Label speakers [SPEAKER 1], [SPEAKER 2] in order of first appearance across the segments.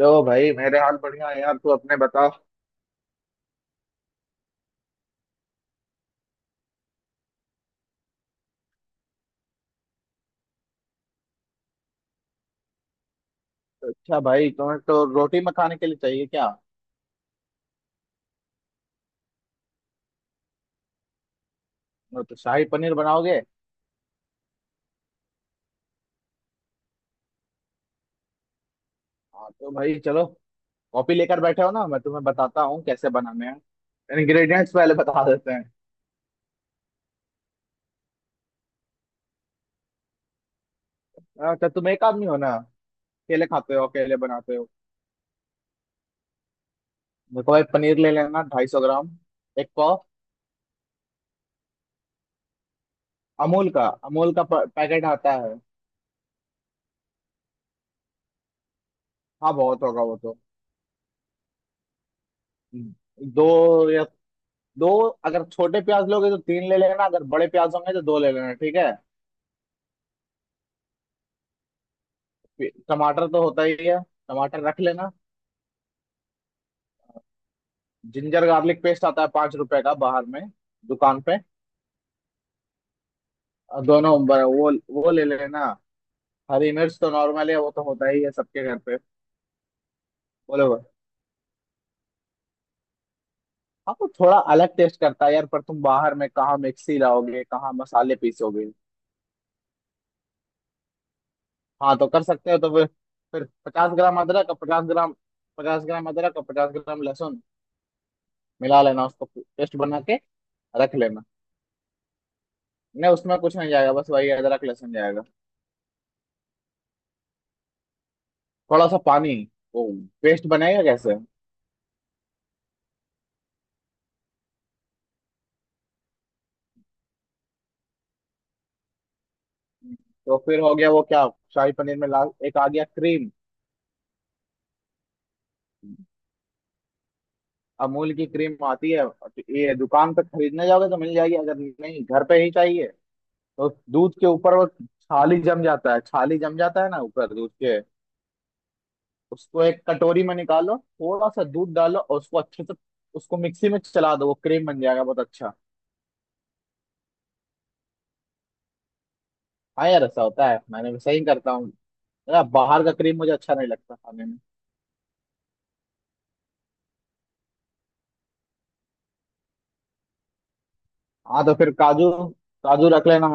[SPEAKER 1] लो भाई मेरे हाल बढ़िया है यार, तू अपने बता। अच्छा भाई तुम्हें तो रोटी में खाने के लिए चाहिए क्या? और तो शाही पनीर बनाओगे। हाँ तो भाई चलो। कॉपी लेकर बैठे हो ना, मैं तुम्हें बताता हूँ कैसे बनाने हैं। इंग्रेडिएंट्स पहले बता देते हैं। अच्छा तुम एक आदमी हो ना। अकेले खाते हो, अकेले बनाते हो। देखो भाई, पनीर ले लेना 250 ग्राम। एक पाव। अमूल का पैकेट आता है। हाँ बहुत होगा वो तो। हम्म, दो या दो, अगर छोटे प्याज लोगे तो तीन ले लेना, अगर बड़े प्याज होंगे तो दो ले लेना, ठीक है। टमाटर तो होता ही है। टमाटर रख लेना। जिंजर गार्लिक पेस्ट आता है 5 रुपए का बाहर में दुकान पे। और दोनों वो ले लेना। हरी मिर्च तो नॉर्मल है, वो तो होता ही है सबके घर पे। बोले वो, हाँ वो थोड़ा अलग टेस्ट करता है यार, पर तुम बाहर में कहाँ मिक्सी लाओगे, कहाँ मसाले पीसोगे? हाँ तो कर सकते हो तो फिर। फिर पचास ग्राम अदरक और पचास ग्राम पचास ग्राम अदरक और पचास ग्राम लहसुन। मिला लेना उसको, पेस्ट बना के रख लेना। नहीं, उसमें कुछ नहीं जाएगा, बस वही अदरक लहसुन जाएगा। थोड़ा सा पानी। वो पेस्ट बनेगा कैसे? तो फिर हो गया वो, क्या? शाही पनीर में ला एक आ गया क्रीम। अमूल की क्रीम आती है। ये दुकान पे खरीदने जाओगे तो मिल जाएगी, अगर नहीं घर पे ही चाहिए। तो दूध के ऊपर वो छाली जम जाता है, ना ऊपर दूध के। उसको एक कटोरी में निकालो, थोड़ा सा दूध डालो और उसको अच्छे से उसको मिक्सी में चला दो, वो क्रीम बन जाएगा, बहुत अच्छा। हाँ यार ऐसा होता है, मैंने भी सही करता हूँ। यार, बाहर का क्रीम मुझे अच्छा नहीं लगता खाने में। हाँ तो फिर काजू। काजू रख लेना।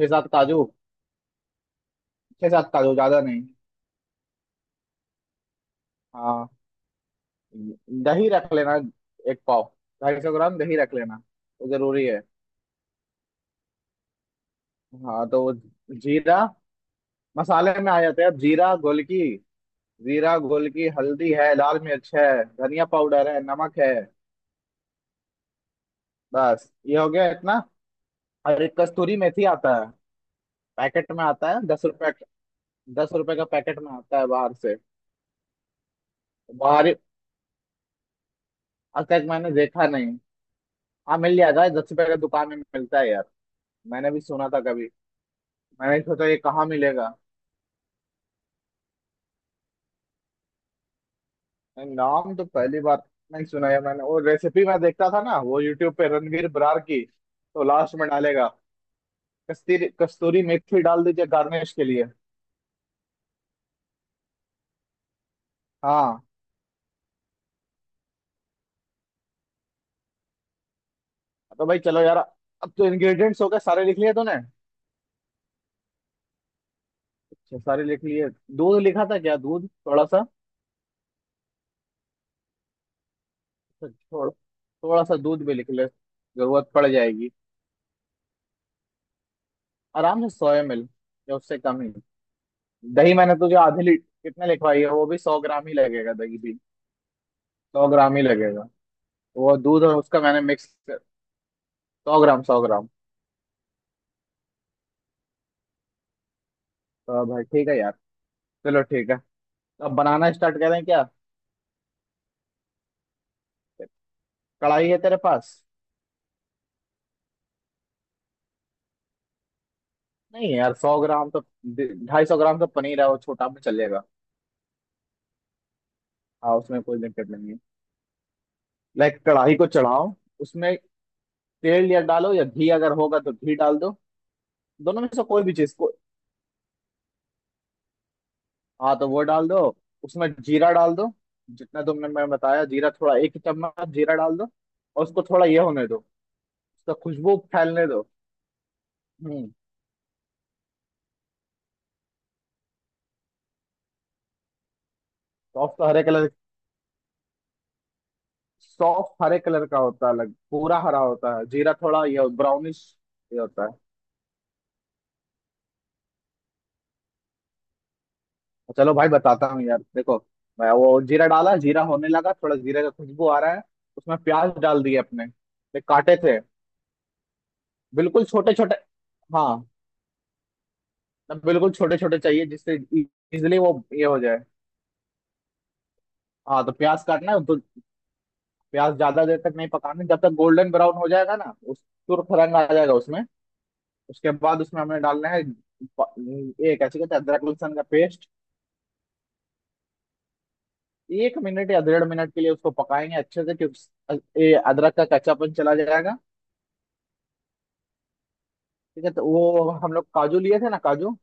[SPEAKER 1] छह सात काजू। छह सात काजू, ज्यादा नहीं। हाँ। दही रख लेना, एक पाव, 250 ग्राम दही रख लेना। वो जरूरी है। हाँ तो वो जीरा मसाले में आ जाते हैं, अब जीरा गोलकी। जीरा गोलकी, हल्दी है, लाल मिर्च है, धनिया पाउडर है, नमक है। बस ये हो गया इतना। और एक कस्तूरी मेथी आता है। पैकेट में आता है 10 रुपए। दस रुपए का पैकेट में आता है बाहर से। बाहर, आज तक मैंने देखा नहीं। हाँ मिल जाएगा, 10 रुपए का दुकान में मिलता है यार। मैंने भी सुना था कभी। मैंने सोचा ये कहाँ मिलेगा। मैंने नाम तो पहली बार नहीं सुना है मैंने। और रेसिपी मैं देखता था ना वो, यूट्यूब पे, रणवीर बरार की। तो लास्ट में डालेगा। कस्तूरी कस्तूरी मेथी डाल दीजिए गार्निश के लिए। हाँ तो भाई चलो यार। अब तो इंग्रेडिएंट्स हो गए, सारे लिख लिए तूने? अच्छा सारे लिख लिए। दूध लिखा था क्या? दूध थोड़ा सा, थोड़ा थोड़ा सा दूध भी लिख ले। जरूरत पड़ जाएगी। आराम से 100 ml या उससे कम ही। दही मैंने तुझे आधे लीटर कितने लिखवाई है, वो भी 100 ग्राम ही लगेगा, दही भी 100 ग्राम ही लगेगा। वो दूध और उसका मैंने मिक्स कर, 100 ग्राम 100 ग्राम। तो भाई ठीक है यार। चलो ठीक है। अब बनाना स्टार्ट करें क्या? कढ़ाई है तेरे पास? नहीं यार 100 ग्राम तो, 250 ग्राम तो पनीर है, वो छोटा भी चलेगा। हाँ उसमें कोई दिक्कत नहीं है। लाइक कढ़ाई को चढ़ाओ। उसमें तेल या डालो या घी, अगर होगा तो घी डाल दो। दोनों में से कोई भी चीज को। हाँ तो वो डाल दो, उसमें जीरा डाल दो। जितना तुमने मैं बताया, जीरा थोड़ा, एक चम्मच जीरा डाल दो। और उसको थोड़ा ये होने दो। उसका खुशबू फैलने दो। हम्म। सॉस तो हरे कलर, सॉफ्ट हरे कलर का होता है अलग, पूरा हरा होता है, जीरा थोड़ा ये ब्राउनिश। ये होता है। चलो भाई बताता हूँ यार, देखो। मैं वो जीरा डाला, जीरा होने लगा थोड़ा, जीरे का खुशबू आ रहा है। उसमें प्याज डाल दिए, अपने ये काटे थे बिल्कुल छोटे छोटे। हाँ बिल्कुल छोटे छोटे चाहिए, जिससे इजिली वो ये हो जाए। हाँ तो प्याज काटना है तो, प्याज ज्यादा देर तक नहीं पकाना, जब तक गोल्डन ब्राउन हो जाएगा ना, उस तुरफ रंग आ जाएगा उसमें। उसके बाद उसमें हमने डालना है ये कैसे कहते हैं, अदरक लहसुन का पेस्ट। 1 मिनट या 1.5 मिनट के लिए उसको पकाएंगे अच्छे से, क्योंकि अ- ये अदरक का कच्चापन चला जाएगा। ठीक है। तो वो हम लोग काजू लिए थे ना, काजू।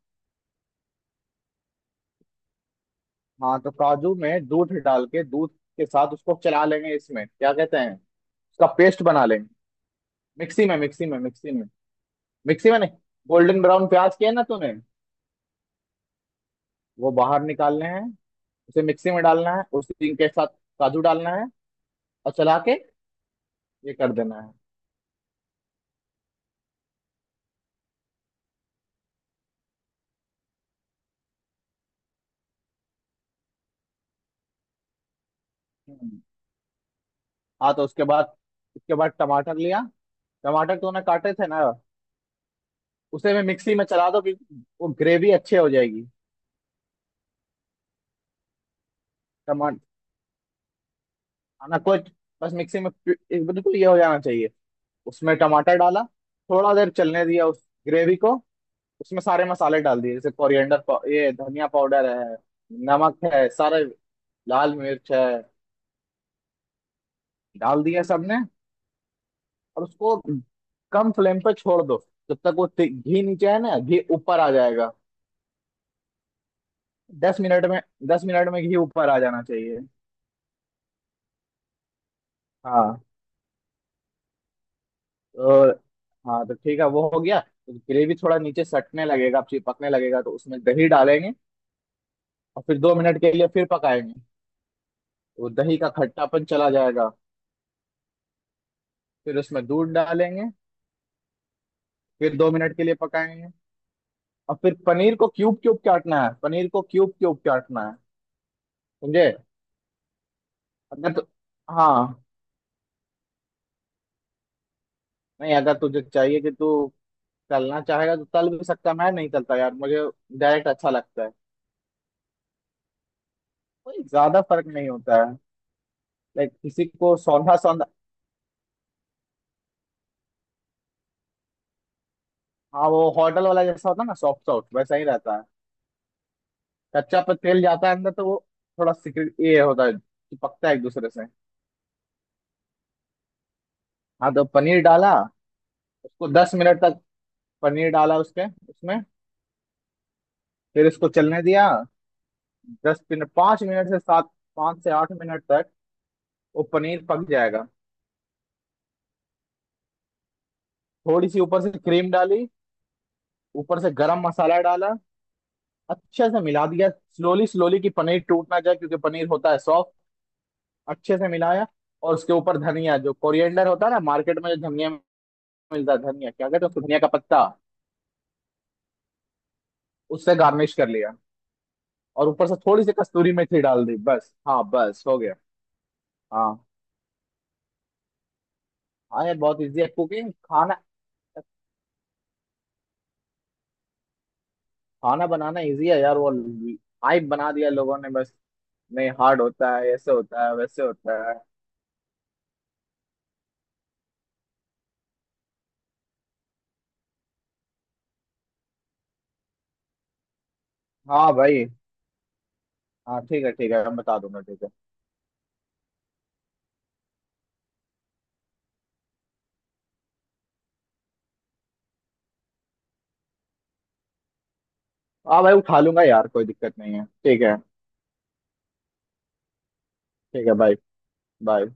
[SPEAKER 1] हाँ तो काजू में दूध डाल के, दूध के साथ उसको चला लेंगे, इसमें क्या कहते हैं, उसका पेस्ट बना लेंगे। मिक्सी में, मिक्सी में, मिक्सी में। मिक्सी में नहीं, गोल्डन ब्राउन प्याज किए ना तूने, वो बाहर निकालने हैं। उसे मिक्सी में डालना है, उसी के साथ काजू डालना है और चला के ये कर देना है। हम्म। हाँ तो उसके बाद, टमाटर लिया, टमाटर तूने काटे थे ना? उसे मैं मिक्सी में चला दो कि वो ग्रेवी अच्छे हो जाएगी। टमाटर खाना को, बस मिक्सी में एक बिल्कुल ये हो जाना चाहिए। उसमें टमाटर डाला, थोड़ा देर चलने दिया उस ग्रेवी को। उसमें सारे मसाले डाल दिए, जैसे कोरिएंडर ये धनिया पाउडर है, नमक है सारे, लाल मिर्च है, डाल दिया सबने। और उसको कम फ्लेम पे छोड़ दो, जब तक वो घी नीचे है ना, घी ऊपर आ जाएगा। 10 मिनट में, 10 मिनट में घी ऊपर आ जाना चाहिए। हाँ तो, हाँ तो ठीक है वो हो गया, तो ग्रेवी थोड़ा नीचे सटने लगेगा, चिपकने लगेगा तो उसमें दही डालेंगे। और फिर 2 मिनट के लिए फिर पकाएंगे। तो दही का खट्टापन चला जाएगा। फिर उसमें दूध डालेंगे। फिर दो मिनट के लिए पकाएंगे। और फिर पनीर को क्यूब क्यूब काटना है, समझे? अगर तो, हाँ, नहीं अगर तुझे चाहिए कि तू तलना चाहेगा तो तल भी सकता है, मैं नहीं तलता यार, मुझे डायरेक्ट अच्छा लगता है। कोई ज्यादा फर्क नहीं होता है। लाइक किसी को सौंधा सौंधा। हाँ वो होटल वाला जैसा होता है ना, सॉफ्ट सॉफ्ट वैसा ही रहता है। कच्चा पर तेल जाता है अंदर तो वो थोड़ा सिक्रेट ये होता है, चिपकता है एक दूसरे से। हाँ तो पनीर डाला। उसको 10 मिनट तक, पनीर डाला उसके, उसमें फिर इसको चलने दिया। 10 मिनट, 5 मिनट से सात, पाँच से 8 मिनट तक, वो पनीर पक जाएगा। थोड़ी सी ऊपर से क्रीम डाली। ऊपर से गरम मसाला डाला। अच्छे से मिला दिया, स्लोली स्लोली कि पनीर टूट ना जाए, क्योंकि पनीर होता है सॉफ्ट। अच्छे से मिलाया। और उसके ऊपर धनिया, जो कोरिएंडर होता है ना, मार्केट में जो धनिया मिलता है धनिया, क्या कहते हैं उसको, धनिया का पत्ता। उससे गार्निश कर लिया। और ऊपर से थोड़ी सी कस्तूरी मेथी डाल दी, बस हाँ बस हो गया। हाँ। हाँ यार बहुत इजी है कुकिंग खाना, खाना बनाना इजी है यार, वो हाइप बना दिया लोगों ने बस। नहीं हार्ड होता है, ऐसे होता है, वैसे होता है। हाँ भाई। हाँ ठीक है, ठीक है, मैं बता दूंगा, ठीक है। हाँ भाई उठा लूंगा यार, कोई दिक्कत नहीं है, ठीक है। ठीक है बाय। बाय।